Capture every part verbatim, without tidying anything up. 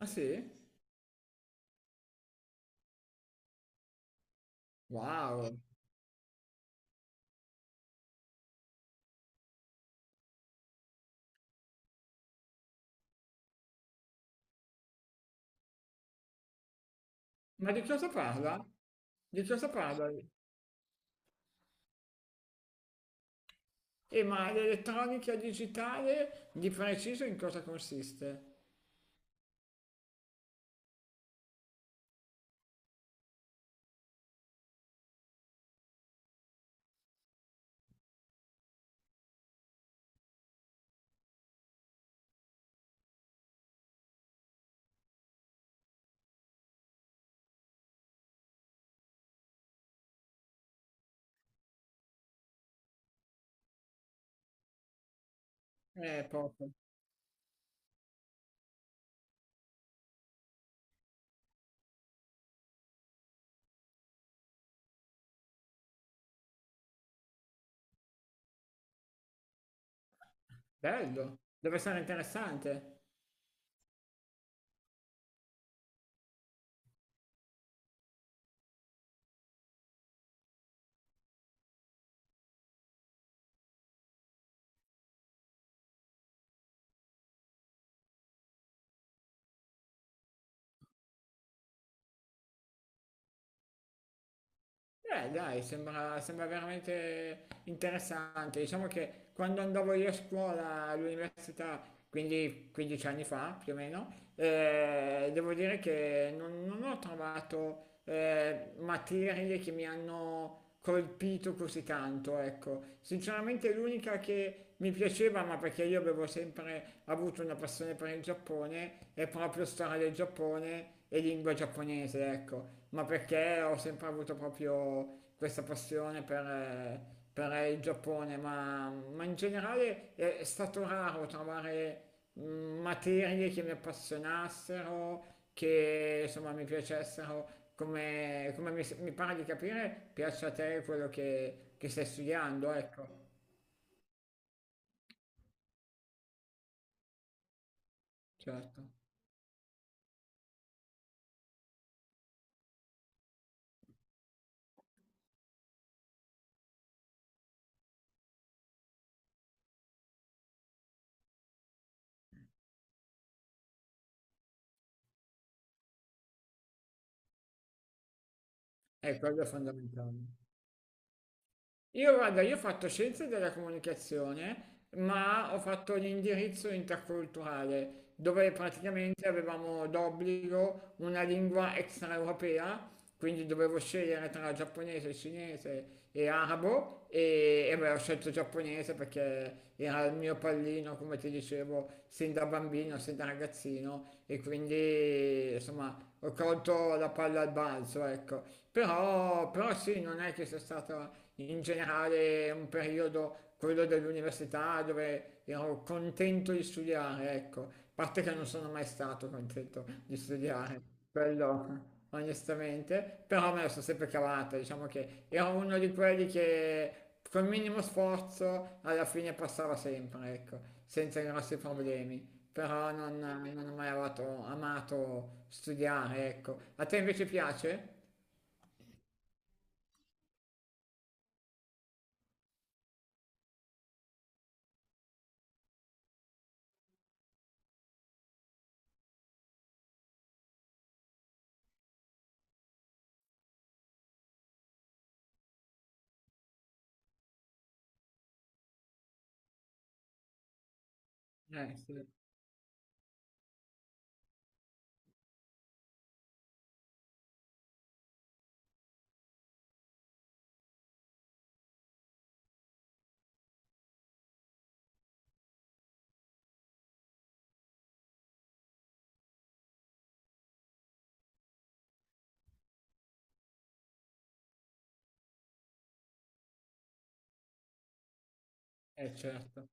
Ah, sì? Wow! Ma di cosa parla? Di cosa parla? E ma l'elettronica digitale di preciso in cosa consiste? Eh, poco. Bello. Deve essere interessante. Eh, dai, sembra, sembra veramente interessante. Diciamo che quando andavo io a scuola all'università, quindi quindici anni fa più o meno, eh, devo dire che non, non ho trovato eh, materie che mi hanno colpito così tanto, ecco. Sinceramente l'unica che mi piaceva, ma perché io avevo sempre avuto una passione per il Giappone, è proprio storia del Giappone e lingua giapponese, ecco. Ma perché ho sempre avuto proprio questa passione per, eh, per il Giappone, ma, ma in generale è stato raro trovare materie che mi appassionassero, che insomma mi piacessero, come, come mi, mi pare di capire, piace a te quello che, che stai studiando, ecco, certo, è quello è fondamentale. Io guarda, io ho fatto scienze della comunicazione, ma ho fatto l'indirizzo interculturale, dove praticamente avevamo d'obbligo una lingua extraeuropea, quindi dovevo scegliere tra giapponese, cinese e arabo e, e beh, ho scelto giapponese perché era il mio pallino, come ti dicevo, sin da bambino, sin da ragazzino e quindi insomma ho colto la palla al balzo, ecco. Però, però sì, non è che sia stata in generale è un periodo, quello dell'università, dove ero contento di studiare, ecco, a parte che non sono mai stato contento di studiare, quello onestamente, però me la sono sempre cavata, diciamo che ero uno di quelli che col minimo sforzo alla fine passava sempre, ecco, senza grossi problemi. Però non, non ho mai amato, amato studiare, ecco. A te invece piace? Eh sì, eh certo.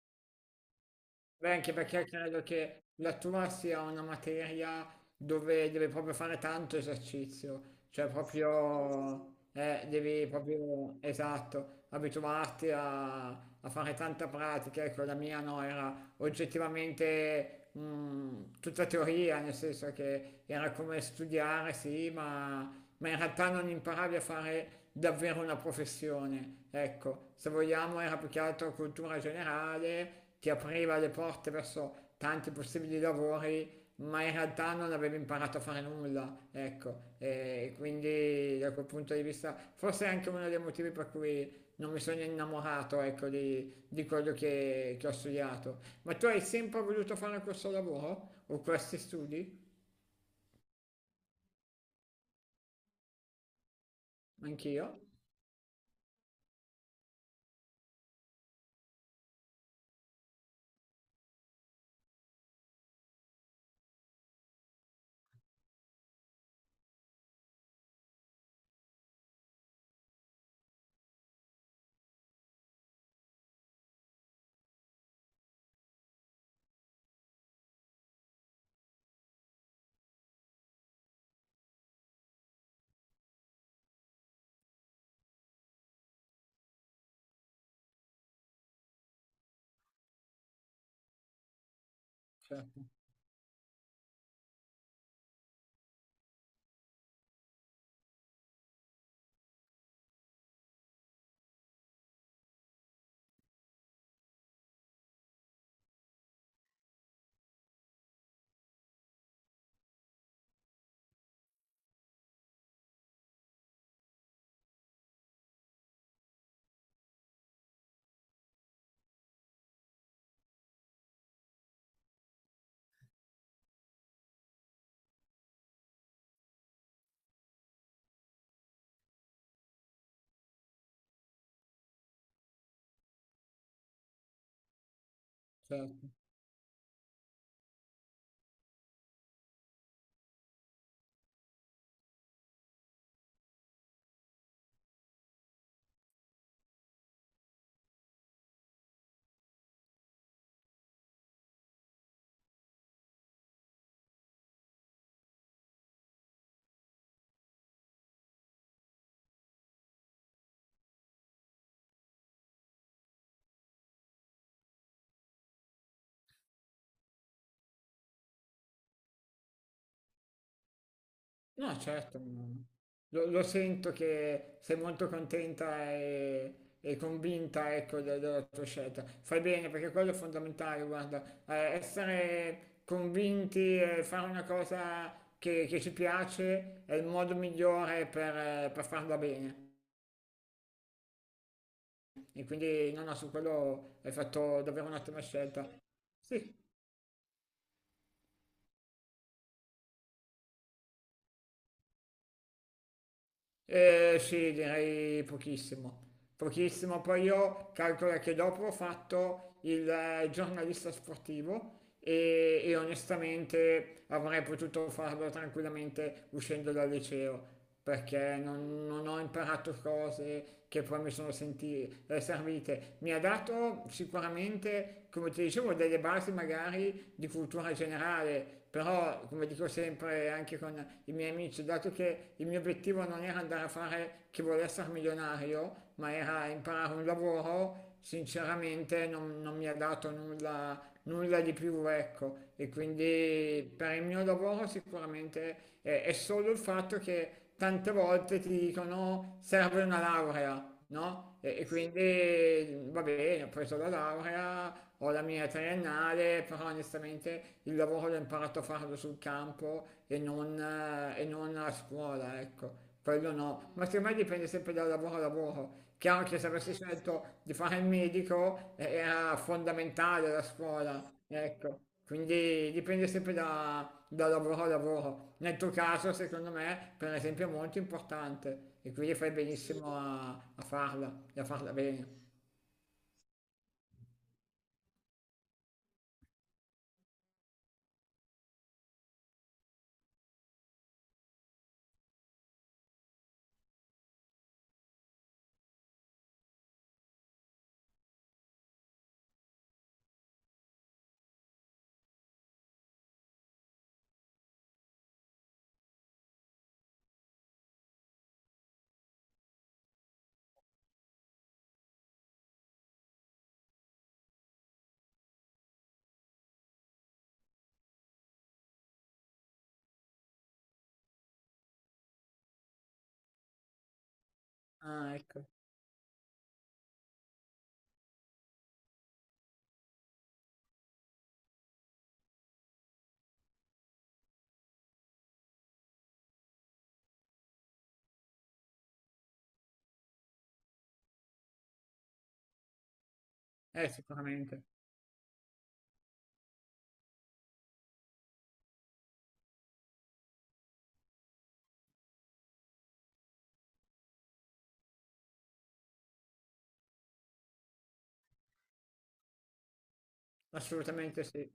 Beh, anche perché credo che la tua sia una materia dove devi proprio fare tanto esercizio, cioè proprio, eh, devi proprio, esatto, abituarti a, a fare tanta pratica. Ecco, la mia no, era oggettivamente mm, tutta teoria, nel senso che era come studiare, sì, ma, ma in realtà non imparavi a fare davvero una professione. Ecco, se vogliamo era più che altro cultura generale che apriva le porte verso tanti possibili lavori, ma in realtà non aveva imparato a fare nulla, ecco, e quindi da quel punto di vista forse è anche uno dei motivi per cui non mi sono innamorato, ecco, di, di quello che, che ho studiato. Ma tu hai sempre voluto fare questo lavoro o questi studi? Anch'io? Certo, certo. No, certo, no. Lo, lo sento che sei molto contenta e, e convinta, ecco, de- della tua scelta. Fai bene perché quello è fondamentale, guarda. Eh, essere convinti e fare una cosa che, che ci piace è il modo migliore per, eh, per farla bene. E quindi, no, no, su quello hai fatto davvero un'ottima scelta. Sì. Eh, sì, direi pochissimo. Pochissimo. Poi io calcolo che dopo ho fatto il eh, giornalista sportivo e, e onestamente avrei potuto farlo tranquillamente uscendo dal liceo perché non, non ho imparato cose che poi mi sono senti- eh, servite. Mi ha dato sicuramente, come ti dicevo, delle basi magari di cultura generale, però come dico sempre anche con i miei amici, dato che il mio obiettivo non era andare a fare chi vuole essere milionario, ma era imparare un lavoro, sinceramente non, non mi ha dato nulla nulla di più, ecco. E quindi per il mio lavoro sicuramente è, è solo il fatto che tante volte ti dicono serve una laurea, no? E, e quindi va bene, ho preso la laurea, ho la mia triennale, però onestamente il lavoro l'ho imparato a farlo sul campo e non, e non a scuola, ecco. Quello no, ma secondo me dipende sempre dal lavoro a lavoro. Chiaro che se avessi scelto di fare il medico eh, era fondamentale la scuola, ecco. Quindi dipende sempre da, da lavoro a lavoro. Nel tuo caso, secondo me, per esempio, è molto importante e quindi fai benissimo a, a farla e a farla bene. Ah, ecco. Eh, sicuramente. Assolutamente sì.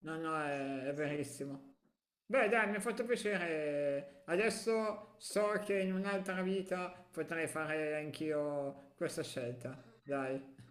No, no, è, è verissimo. Beh, dai, mi ha fatto piacere. Adesso so che in un'altra vita potrei fare anch'io questa scelta. Dai.